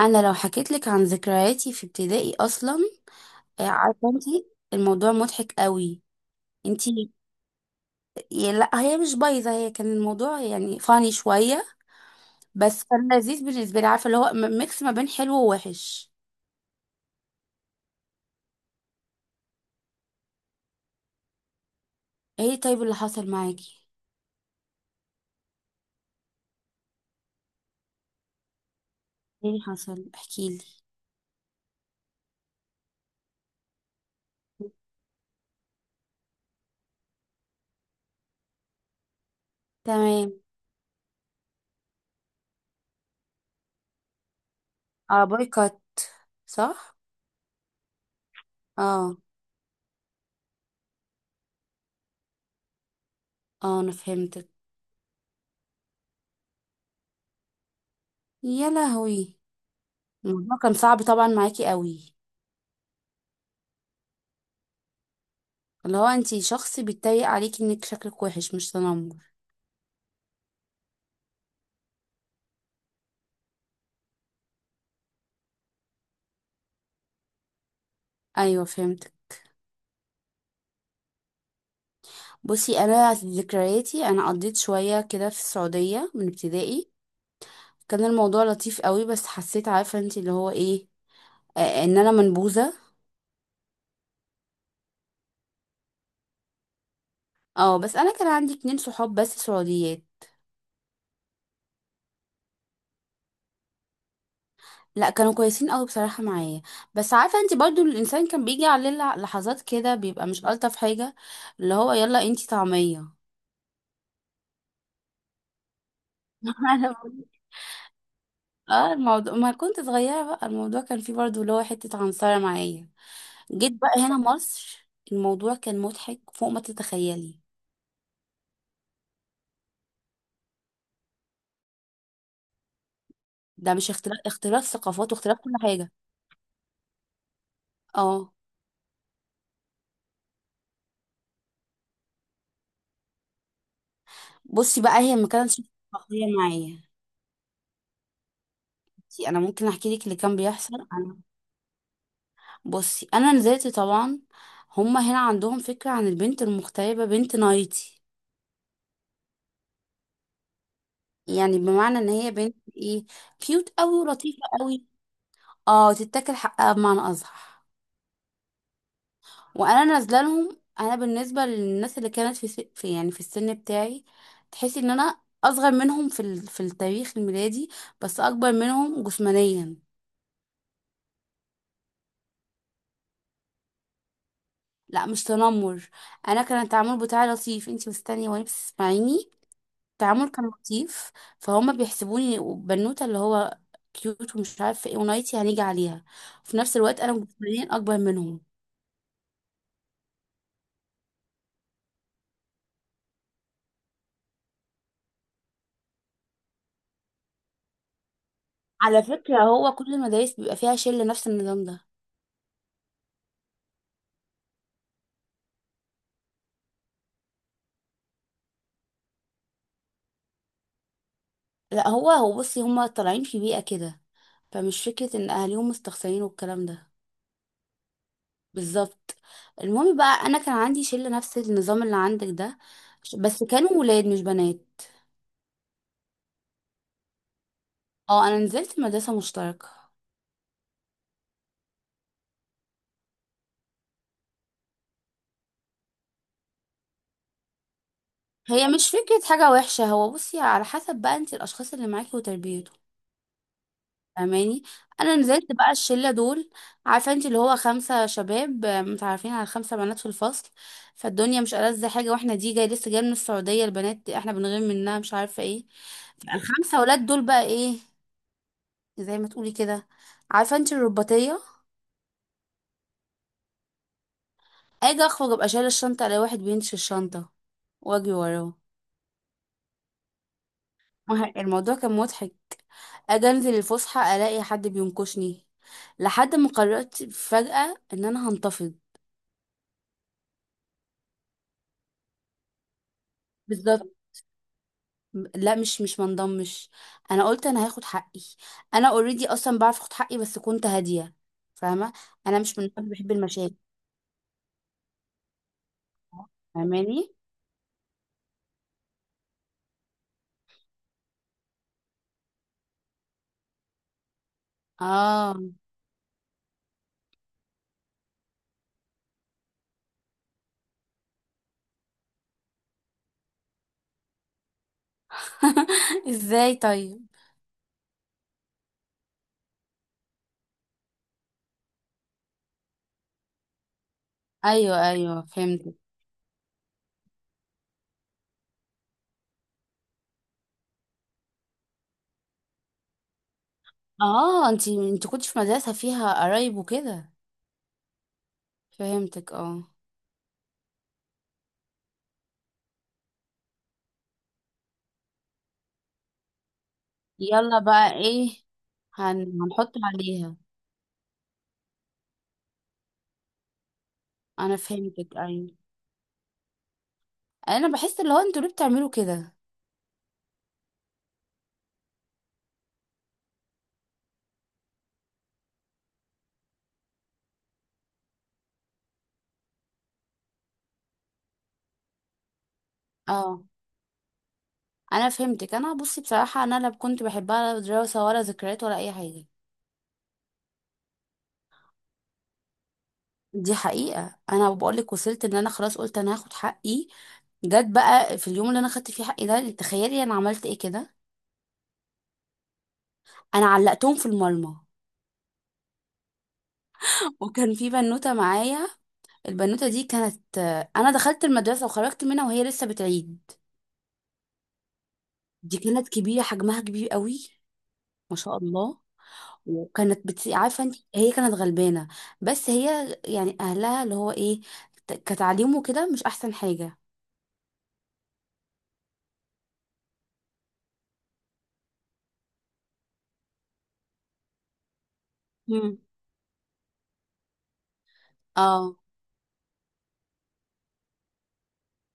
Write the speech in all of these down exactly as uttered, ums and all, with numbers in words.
انا لو حكيت لك عن ذكرياتي في ابتدائي اصلا. آه، عارفه انت، الموضوع مضحك قوي. انت... لا هي مش بايظه، هي كان الموضوع يعني فاني شويه، بس كان لذيذ بالنسبه لي، عارفه اللي هو م- ميكس ما بين حلو ووحش. ايه، طيب اللي حصل معاكي؟ ايه اللي حصل؟ احكي لي. تمام. اه، بايكوت، صح. اه. اه، انا فهمتك. يا لهوي، الموضوع كان صعب طبعا معاكي قوي. اللي هو انت شخص بيتريق عليكي انك شكلك وحش، مش تنمر. ايوه، فهمت. بصي، انا ذكرياتي انا قضيت شويه كده في السعوديه من ابتدائي. كان الموضوع لطيف قوي، بس حسيت عارفه انت اللي هو ايه، آه ان انا منبوذه. اه، بس انا كان عندي اتنين صحاب بس سعوديات. لا، كانوا كويسين قوي بصراحه معايا. بس عارفه انت برضو الانسان كان بيجي عليه لح- لحظات كده بيبقى مش الطف حاجه، اللي هو يلا انت طعميه. انا بقول- اه، الموضوع ما كنت صغيرة، بقى الموضوع كان فيه برضو اللي هو حتة عنصرة معايا. جيت بقى هنا مصر، الموضوع كان مضحك فوق ما تتخيلي. ده مش اختلاف اختلاف ثقافات واختلاف كل حاجة. اه. بصي بقى هي ما كانتش شخصية معايا. بصي، انا ممكن احكي لك اللي كان بيحصل. انا بصي انا نزلت طبعا، هما هنا عندهم فكرة عن البنت المغتربة بنت نايتي. يعني بمعنى ان هي بنت ايه؟ كيوت قوي ولطيفة قوي. اه، تتاكل حقها بمعنى اصح. وانا نازله لهم، انا بالنسبه للناس اللي كانت في, س... في يعني في السن بتاعي، تحسي ان انا اصغر منهم في ال... في التاريخ الميلادي، بس اكبر منهم جسمانيا. لا مش تنمر، انا كان التعامل بتاعي لطيف. انتي مستنيه وانا بتسمعيني. التعامل كان لطيف. فهم بيحسبوني بنوته اللي هو كيوت ومش عارفه ايه ونايتي هنيجي عليها، في نفس الوقت انا جسمانيا اكبر منهم. على فكره هو كل المدارس بيبقى فيها شله نفس النظام ده. لا هو هو بصي هم طالعين في بيئه كده، فمش فكره ان اهاليهم مستخسرين والكلام ده. بالظبط. المهم بقى انا كان عندي شله نفس النظام اللي عندك ده، بس كانوا ولاد مش بنات. اه، انا نزلت مدرسة مشتركة. هي مش فكرة حاجة وحشة، هو بصي على حسب بقى انت الأشخاص اللي معاكي وتربيته. فاهماني. أنا نزلت بقى الشلة دول، عارفة انت اللي هو خمسة شباب آه، متعرفين على خمسة بنات في الفصل. فالدنيا مش ألذ حاجة، واحنا دي جاي لسه جاية من السعودية، البنات احنا بنغير منها مش عارفة ايه. الخمسة ولاد دول بقى ايه؟ زي ما تقولي كده، عارفة انت، الرباطية. اجي اخرج ابقى شايلة الشنطة، الاقي واحد بينش الشنطة واجري وراه. مه- الموضوع كان مضحك. اجي انزل الفسحه الاقي حد بينكشني، لحد ما قررت فجاه ان انا هنتفض. بالظبط. لا مش مش منضمش، انا قلت انا هاخد حقي. انا اوريدي اصلا بعرف اخد حقي، بس كنت هاديه. فاهمه، انا مش من النوع اللي بحب المشاكل. فاهماني. اه. ازاي طيب؟ ايوه، ايوه، فهمتك. اه، انتي انت كنت في مدرسه فيها قرايب وكده. فهمتك، اه. يلا بقى ايه، هن... هنحط عليها. انا فهمتك، ايوه. انا بحس اللي هو انتوا ليه بتعملوا كده؟ اه. انا فهمتك، انا بصي بصراحه انا لا كنت بحبها، لا دراسه ولا ذكريات ولا اي حاجه. دي حقيقه، انا بقول لك وصلت ان انا خلاص قلت انا هاخد حقي. جت بقى في اليوم اللي انا خدت فيه حقي ده، تخيلي انا عملت ايه كده؟ انا علقتهم في المرمى. وكان في بنوته معايا، البنوته دي كانت... انا دخلت المدرسه وخرجت منها وهي لسه بتعيد. دي كانت كبيره، حجمها كبير قوي، ما شاء الله. وكانت بت... عارفه انت، هي كانت غلبانه، بس هي يعني اهلها اللي هو ايه، ت- كتعليم وكده مش احسن حاجه. مم. اه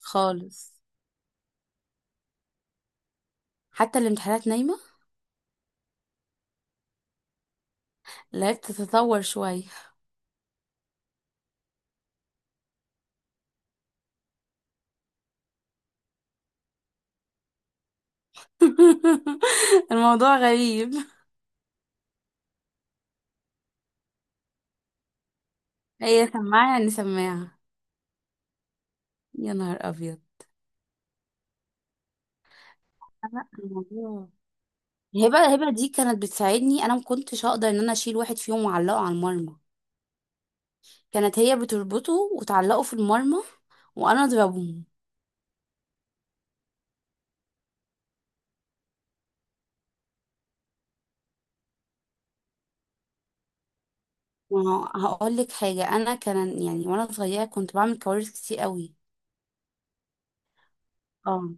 خالص، حتى الامتحانات نايمه. لقيت تتطور شويه. الموضوع غريب. هي سماعه يعني سماعه. يا نهار ابيض. لا الموضوع... هبه هبه دي كانت بتساعدني، انا ما كنتش هقدر ان انا اشيل واحد فيهم واعلقه على المرمى. كانت هي بتربطه وتعلقه في المرمى، وانا اضربه. ما هو هقول لك حاجة، أنا كان يعني وأنا صغيرة كنت بعمل كوارث كتير قوي. اه.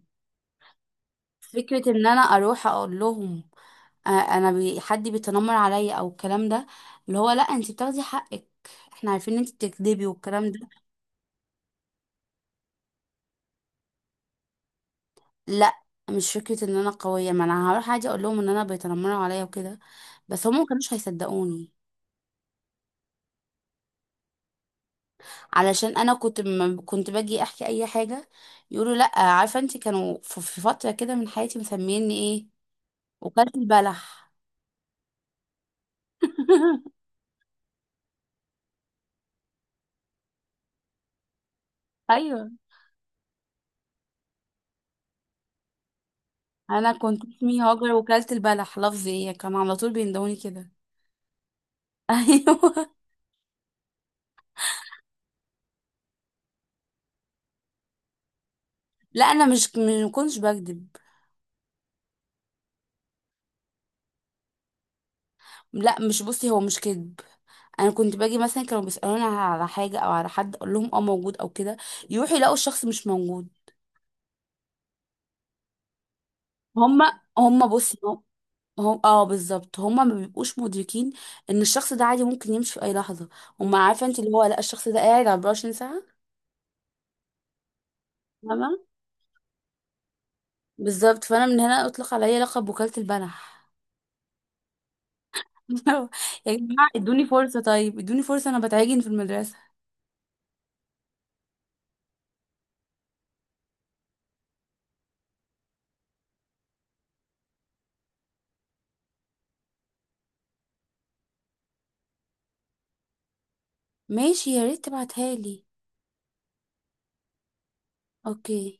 فكرة إن أنا أروح أقول لهم آه، أنا بي حد بيتنمر عليا أو الكلام ده، اللي هو لأ أنت بتاخدي حقك، إحنا عارفين إن أنت بتكذبي والكلام ده. لأ، مش فكرة إن أنا قوية، ما أنا هروح عادي أقول لهم إن أنا بيتنمروا عليا وكده، بس هم مكانوش هيصدقوني. علشان أنا كنت م... كنت باجي أحكي أي حاجة يقولوا لأ. عارفة أنت كانوا في في فترة كده من حياتي مسميني إيه؟ وكالة البلح. ايوه. انا كنت اسمي هاجر، وكلت البلح لفظي ايه كان على طول بيندوني كده. ايوه. لا، انا مش ما كنتش بكذب. لا مش بصي هو مش كذب. انا كنت باجي مثلا كانوا بيسالوني على حاجه او على حد، اقول لهم اه موجود او كده، يروحوا يلاقوا الشخص مش موجود. هما هما بصي، هم هم- اه بالظبط، هما ما بيبقوش مدركين ان الشخص ده عادي ممكن يمشي في اي لحظه. هما عارفه انت اللي هو لا الشخص ده قاعد أربعة وعشرين ساعه. تمام. بالظبط. فانا من هنا اطلق عليا لقب وكاله البلح. يا جماعة ادوني فرصة، طيب ادوني فرصة، انا بتعجن في المدرسة. ماشي، يا ريت تبعتها لي. اوكي.